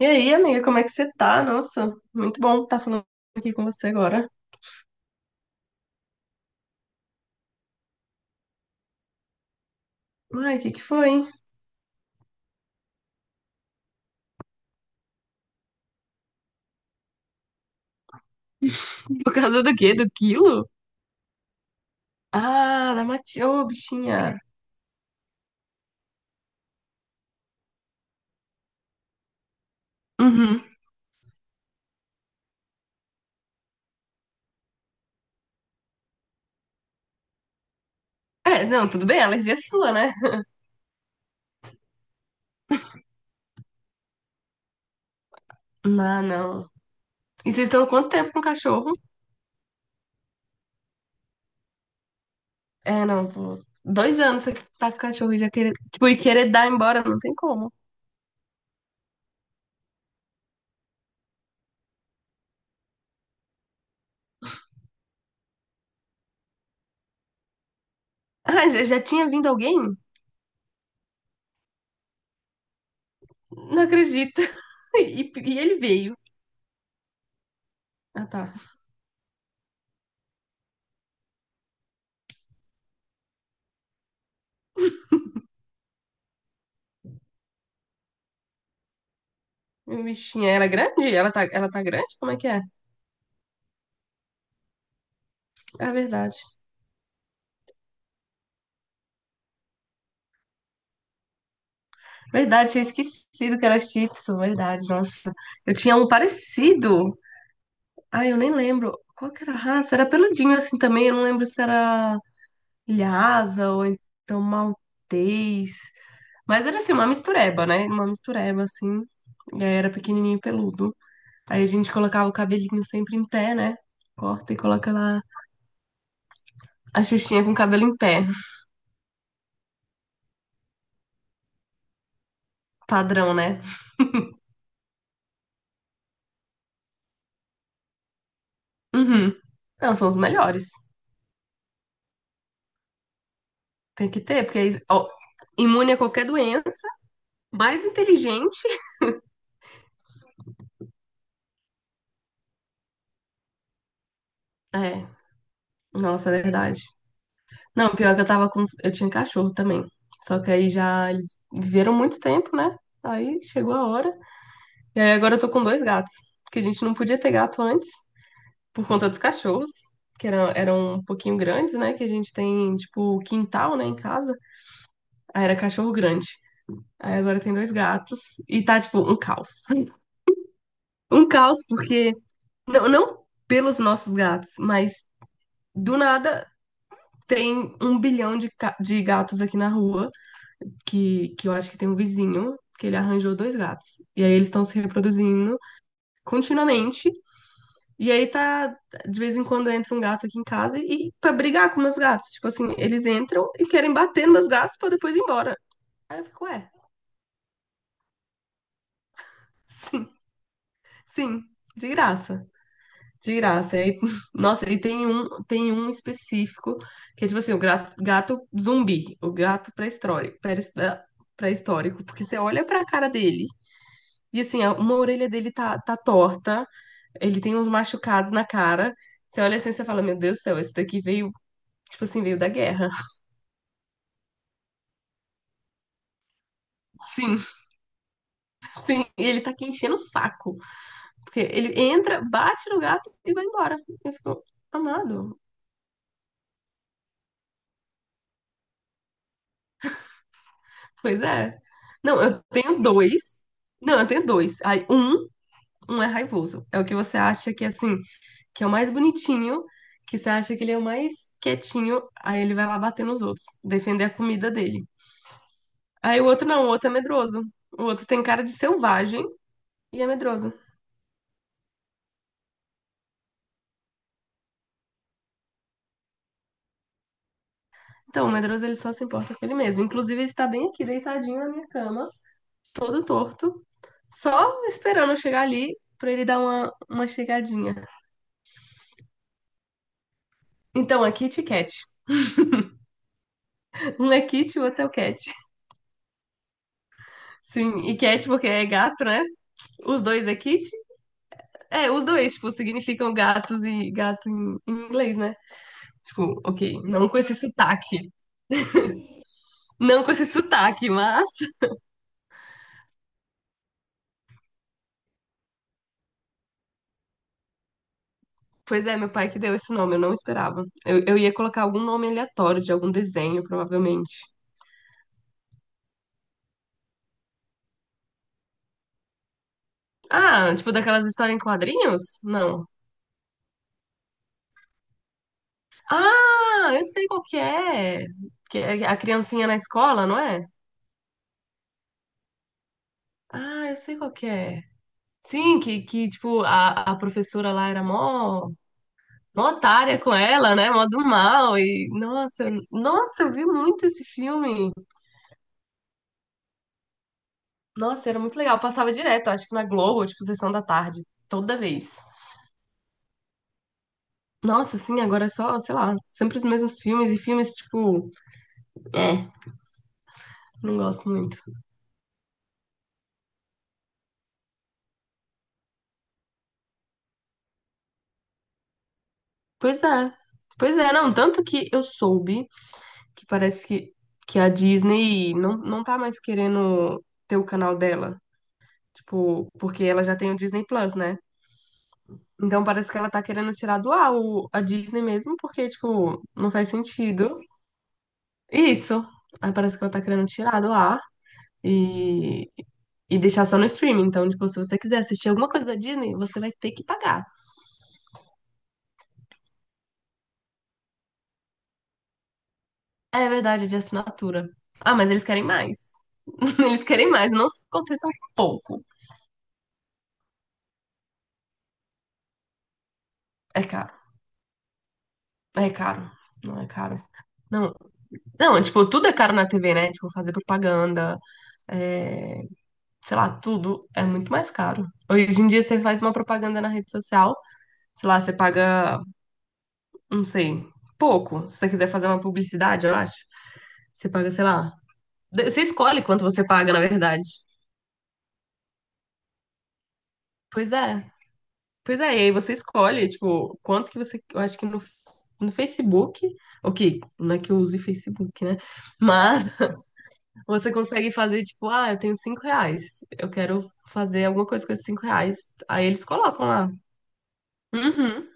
E aí, amiga, como é que você tá? Nossa, muito bom estar falando aqui com você agora. Ai, o que que foi, hein? Por causa do quê? Do quilo? Ah, da Mati... Ô, bichinha. Uhum. É, não, tudo bem, alergia é sua, né? Não, não. E vocês estão há quanto tempo com o cachorro? É, não, pô. 2 anos você tá com o cachorro e já querer, tipo, e querer dar embora, não tem como. Ah, já, já tinha vindo alguém? Não acredito. E, e ele veio. Ah, tá. E o Bichinha, ela é grande? Ela tá grande? Como é que é? É verdade. Verdade, tinha esquecido que era Shih Tzu, verdade, nossa. Eu tinha um parecido. Ai, eu nem lembro. Qual que era a raça? Era peludinho assim também, eu não lembro se era Lhasa ou então Maltês. Mas era assim, uma mistureba, né? Uma mistureba, assim. E aí era pequenininho e peludo. Aí a gente colocava o cabelinho sempre em pé, né? Corta e coloca lá a Xuxinha com o cabelo em pé. Padrão, né? Uhum. Não, são os melhores. Tem que ter, porque aí, ó, imune a qualquer doença mais inteligente. É, nossa, é verdade. Não, pior que eu tava com. Eu tinha cachorro também. Só que aí já eles viveram muito tempo, né? Aí chegou a hora. E aí agora eu tô com dois gatos. Que a gente não podia ter gato antes, por conta dos cachorros, que eram um pouquinho grandes, né? Que a gente tem, tipo, quintal, né, em casa. Aí era cachorro grande. Aí agora tem dois gatos. E tá, tipo, um caos. Um caos, porque. Não, não pelos nossos gatos, mas do nada tem um bilhão de, de gatos aqui na rua, que eu acho que tem um vizinho, que ele arranjou dois gatos. E aí eles estão se reproduzindo continuamente. E aí tá, de vez em quando entra um gato aqui em casa e pra brigar com meus gatos. Tipo assim, eles entram e querem bater nos meus gatos pra depois ir embora. Aí eu fico, ué, sim, sim, de graça. De graça. Aí, nossa, e tem um específico que é tipo assim, o gato, gato zumbi, o gato pré-histórico, pré-histórico, porque você olha pra cara dele e assim, uma orelha dele tá torta, ele tem uns machucados na cara. Você olha assim e você fala, meu Deus do céu, esse daqui veio, tipo assim, veio da guerra. Sim, sim. E ele tá aqui enchendo o saco. Porque ele entra, bate no gato e vai embora. Eu fico, amado. Pois é. Não, eu tenho dois. Não, eu tenho dois. Aí, um é raivoso. É o que você acha que, é, assim, que é o mais bonitinho, que você acha que ele é o mais quietinho, aí ele vai lá bater nos outros, defender a comida dele. Aí o outro não, o outro é medroso. O outro tem cara de selvagem e é medroso. Então, o medroso ele só se importa com ele mesmo. Inclusive, ele está bem aqui, deitadinho na minha cama, todo torto, só esperando eu chegar ali pra ele dar uma chegadinha. Então, é Kit Kat. Um é Kit, o outro é o Cat. Sim, e Cat porque é gato, né? Os dois é Kit. É, os dois, tipo, significam gatos e gato em inglês, né? Tipo, ok, não com esse sotaque. Não com esse sotaque, mas. Pois é, meu pai que deu esse nome, eu não esperava. Eu ia colocar algum nome aleatório de algum desenho, provavelmente. Ah, tipo daquelas histórias em quadrinhos? Não. Ah, eu sei qual que é. Que é a criancinha na escola, não é? Ah, eu sei qual que é. Sim, que tipo, a professora lá era mó, mó otária com ela, né? Mó do mal. E, nossa, nossa, eu vi muito esse filme. Nossa, era muito legal. Passava direto, acho que na Globo, tipo, sessão da tarde, toda vez. Nossa, sim, agora é só, sei lá, sempre os mesmos filmes e filmes, tipo, é, não gosto muito. Pois é. Pois é, não, tanto que eu soube que parece que, a Disney não tá mais querendo ter o canal dela. Tipo, porque ela já tem o Disney Plus, né? Então parece que ela tá querendo tirar do ar a Disney mesmo, porque, tipo, não faz sentido. Isso. Aí parece que ela tá querendo tirar do ar e, e deixar só no streaming. Então, tipo, se você quiser assistir alguma coisa da Disney, você vai ter que pagar. É verdade, é de assinatura. Ah, mas eles querem mais. Eles querem mais, não se contenta com pouco. É caro. É caro. Não é caro. Não, não, tipo, tudo é caro na TV, né? Tipo, fazer propaganda, é, sei lá, tudo é muito mais caro. Hoje em dia você faz uma propaganda na rede social, sei lá, você paga, não sei, pouco. Se você quiser fazer uma publicidade, eu acho, você paga, sei lá. Você escolhe quanto você paga, na verdade. Pois é. Pois é, e aí você escolhe, tipo, quanto que você. Eu acho que no Facebook. Ok, não é que eu use Facebook, né? Mas você consegue fazer, tipo, ah, eu tenho R$ 5. Eu quero fazer alguma coisa com esses R$ 5. Aí eles colocam lá. Uhum.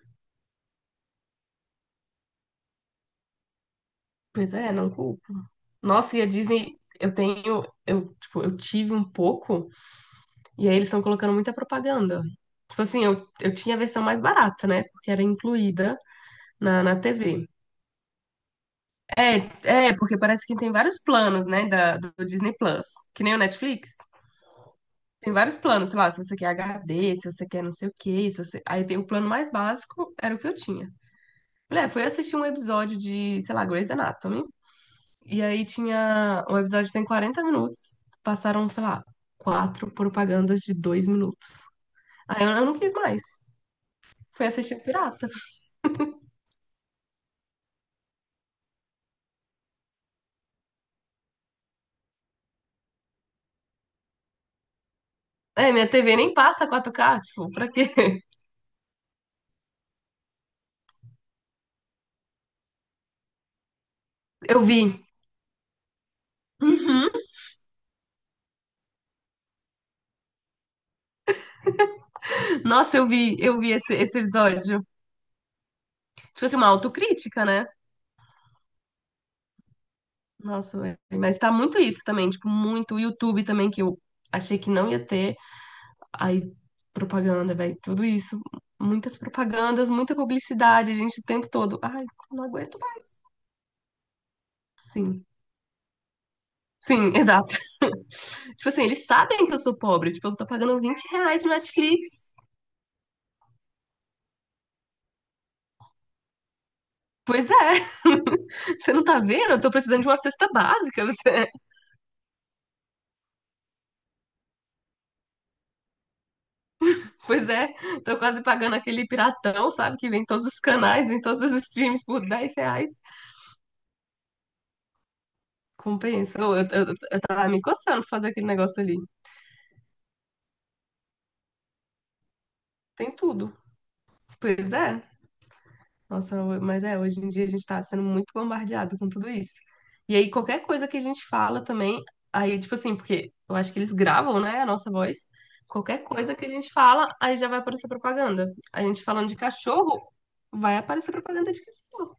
Pois é, não culpo. Nossa, e a Disney, eu tenho, eu, tipo, eu tive um pouco, e aí eles estão colocando muita propaganda. Tipo assim, eu tinha a versão mais barata, né? Porque era incluída na TV. É, porque parece que tem vários planos, né, da, do Disney Plus. Que nem o Netflix. Tem vários planos, sei lá, se você quer HD, se você quer não sei o quê, se você. Aí tem o plano mais básico, era o que eu tinha. Mulher, fui assistir um episódio de, sei lá, Grey's Anatomy. E aí tinha. O episódio tem 40 minutos. Passaram, sei lá, quatro propagandas de 2 minutos. Aí eu não quis mais. Fui assistir o Pirata. É, minha TV nem passa 4K tipo, pra quê? Eu vi. Uhum. Nossa, eu vi esse episódio. Tipo assim, uma autocrítica, né? Nossa, velho. Mas tá muito isso também, tipo, muito o YouTube também, que eu achei que não ia ter. Aí, propaganda, velho, tudo isso. Muitas propagandas, muita publicidade, gente, o tempo todo. Ai, não aguento mais. Sim. Sim, exato. Tipo assim, eles sabem que eu sou pobre. Tipo, eu tô pagando R$ 20 no Netflix. Pois é. Você não tá vendo? Eu tô precisando de uma cesta básica. Você. Pois é. Tô quase pagando aquele piratão, sabe? Que vem todos os canais, vem todos os streams por R$ 10. Compensa. Eu tava me coçando pra fazer aquele negócio ali. Tem tudo. Pois é. Nossa, mas é, hoje em dia a gente tá sendo muito bombardeado com tudo isso. E aí, qualquer coisa que a gente fala também, aí, tipo assim, porque eu acho que eles gravam, né, a nossa voz. Qualquer coisa que a gente fala, aí já vai aparecer propaganda. A gente falando de cachorro, vai aparecer propaganda de cachorro.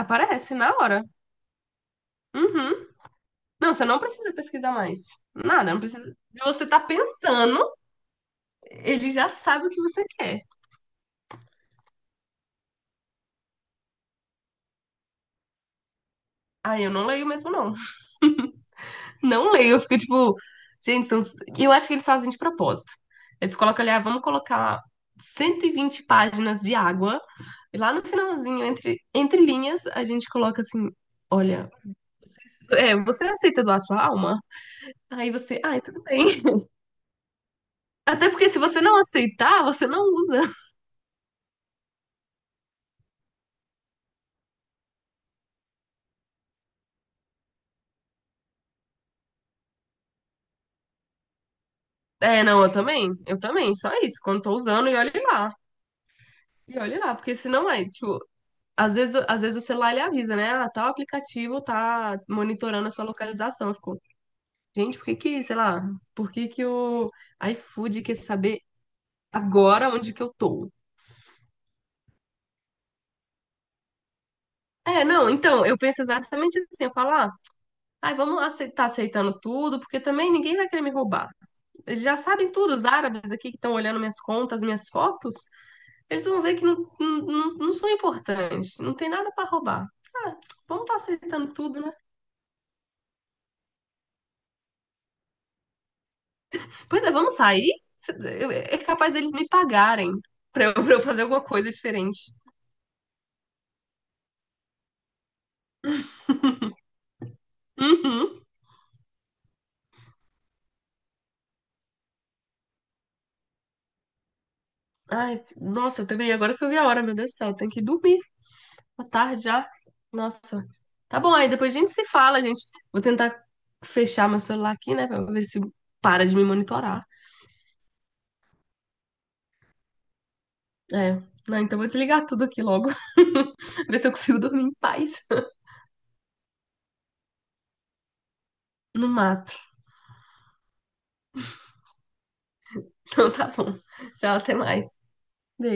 Aparece na hora. Uhum. Não, você não precisa pesquisar mais. Nada, não precisa. Você tá pensando, ele já sabe o que você quer. Aí eu não leio mesmo, não. Não leio, eu fico tipo, gente, são. E eu acho que eles fazem de propósito. Eles colocam ali, ah, vamos colocar 120 páginas de água, e lá no finalzinho, entre linhas, a gente coloca assim: olha, é, você aceita doar sua alma? Aí você, ai, tudo bem. Até porque se você não aceitar, você não usa. É, não, eu também, só isso. Quando tô usando, e olhe lá. E olhe lá, porque senão é, tipo, às vezes o celular ele avisa, né? Ah, tal aplicativo tá monitorando a sua localização. Gente, por que que, sei lá, por que que o iFood quer saber agora onde que eu tô? É, não, então, eu penso exatamente assim, eu falo, ah, ai, vamos aceitar, aceitando tudo, porque também ninguém vai querer me roubar. Eles já sabem tudo, os árabes aqui que estão olhando minhas contas, minhas fotos, eles vão ver que não, não, não, não sou importante, não tem nada pra roubar. Ah, vamos estar aceitando tudo, né? Pois é, vamos sair? Cê- É capaz deles me pagarem pra eu fazer alguma coisa diferente. Uhum. Ai, nossa, também, agora que eu vi a hora, meu Deus do céu, tem que dormir. Boa tarde já. Nossa. Tá bom, aí depois a gente se fala, gente. Vou tentar fechar meu celular aqui, né, pra ver se para de me monitorar. É. Não, então eu vou desligar tudo aqui logo. Ver se eu consigo dormir em paz no mato. Então tá bom. Tchau, até mais. Beijo.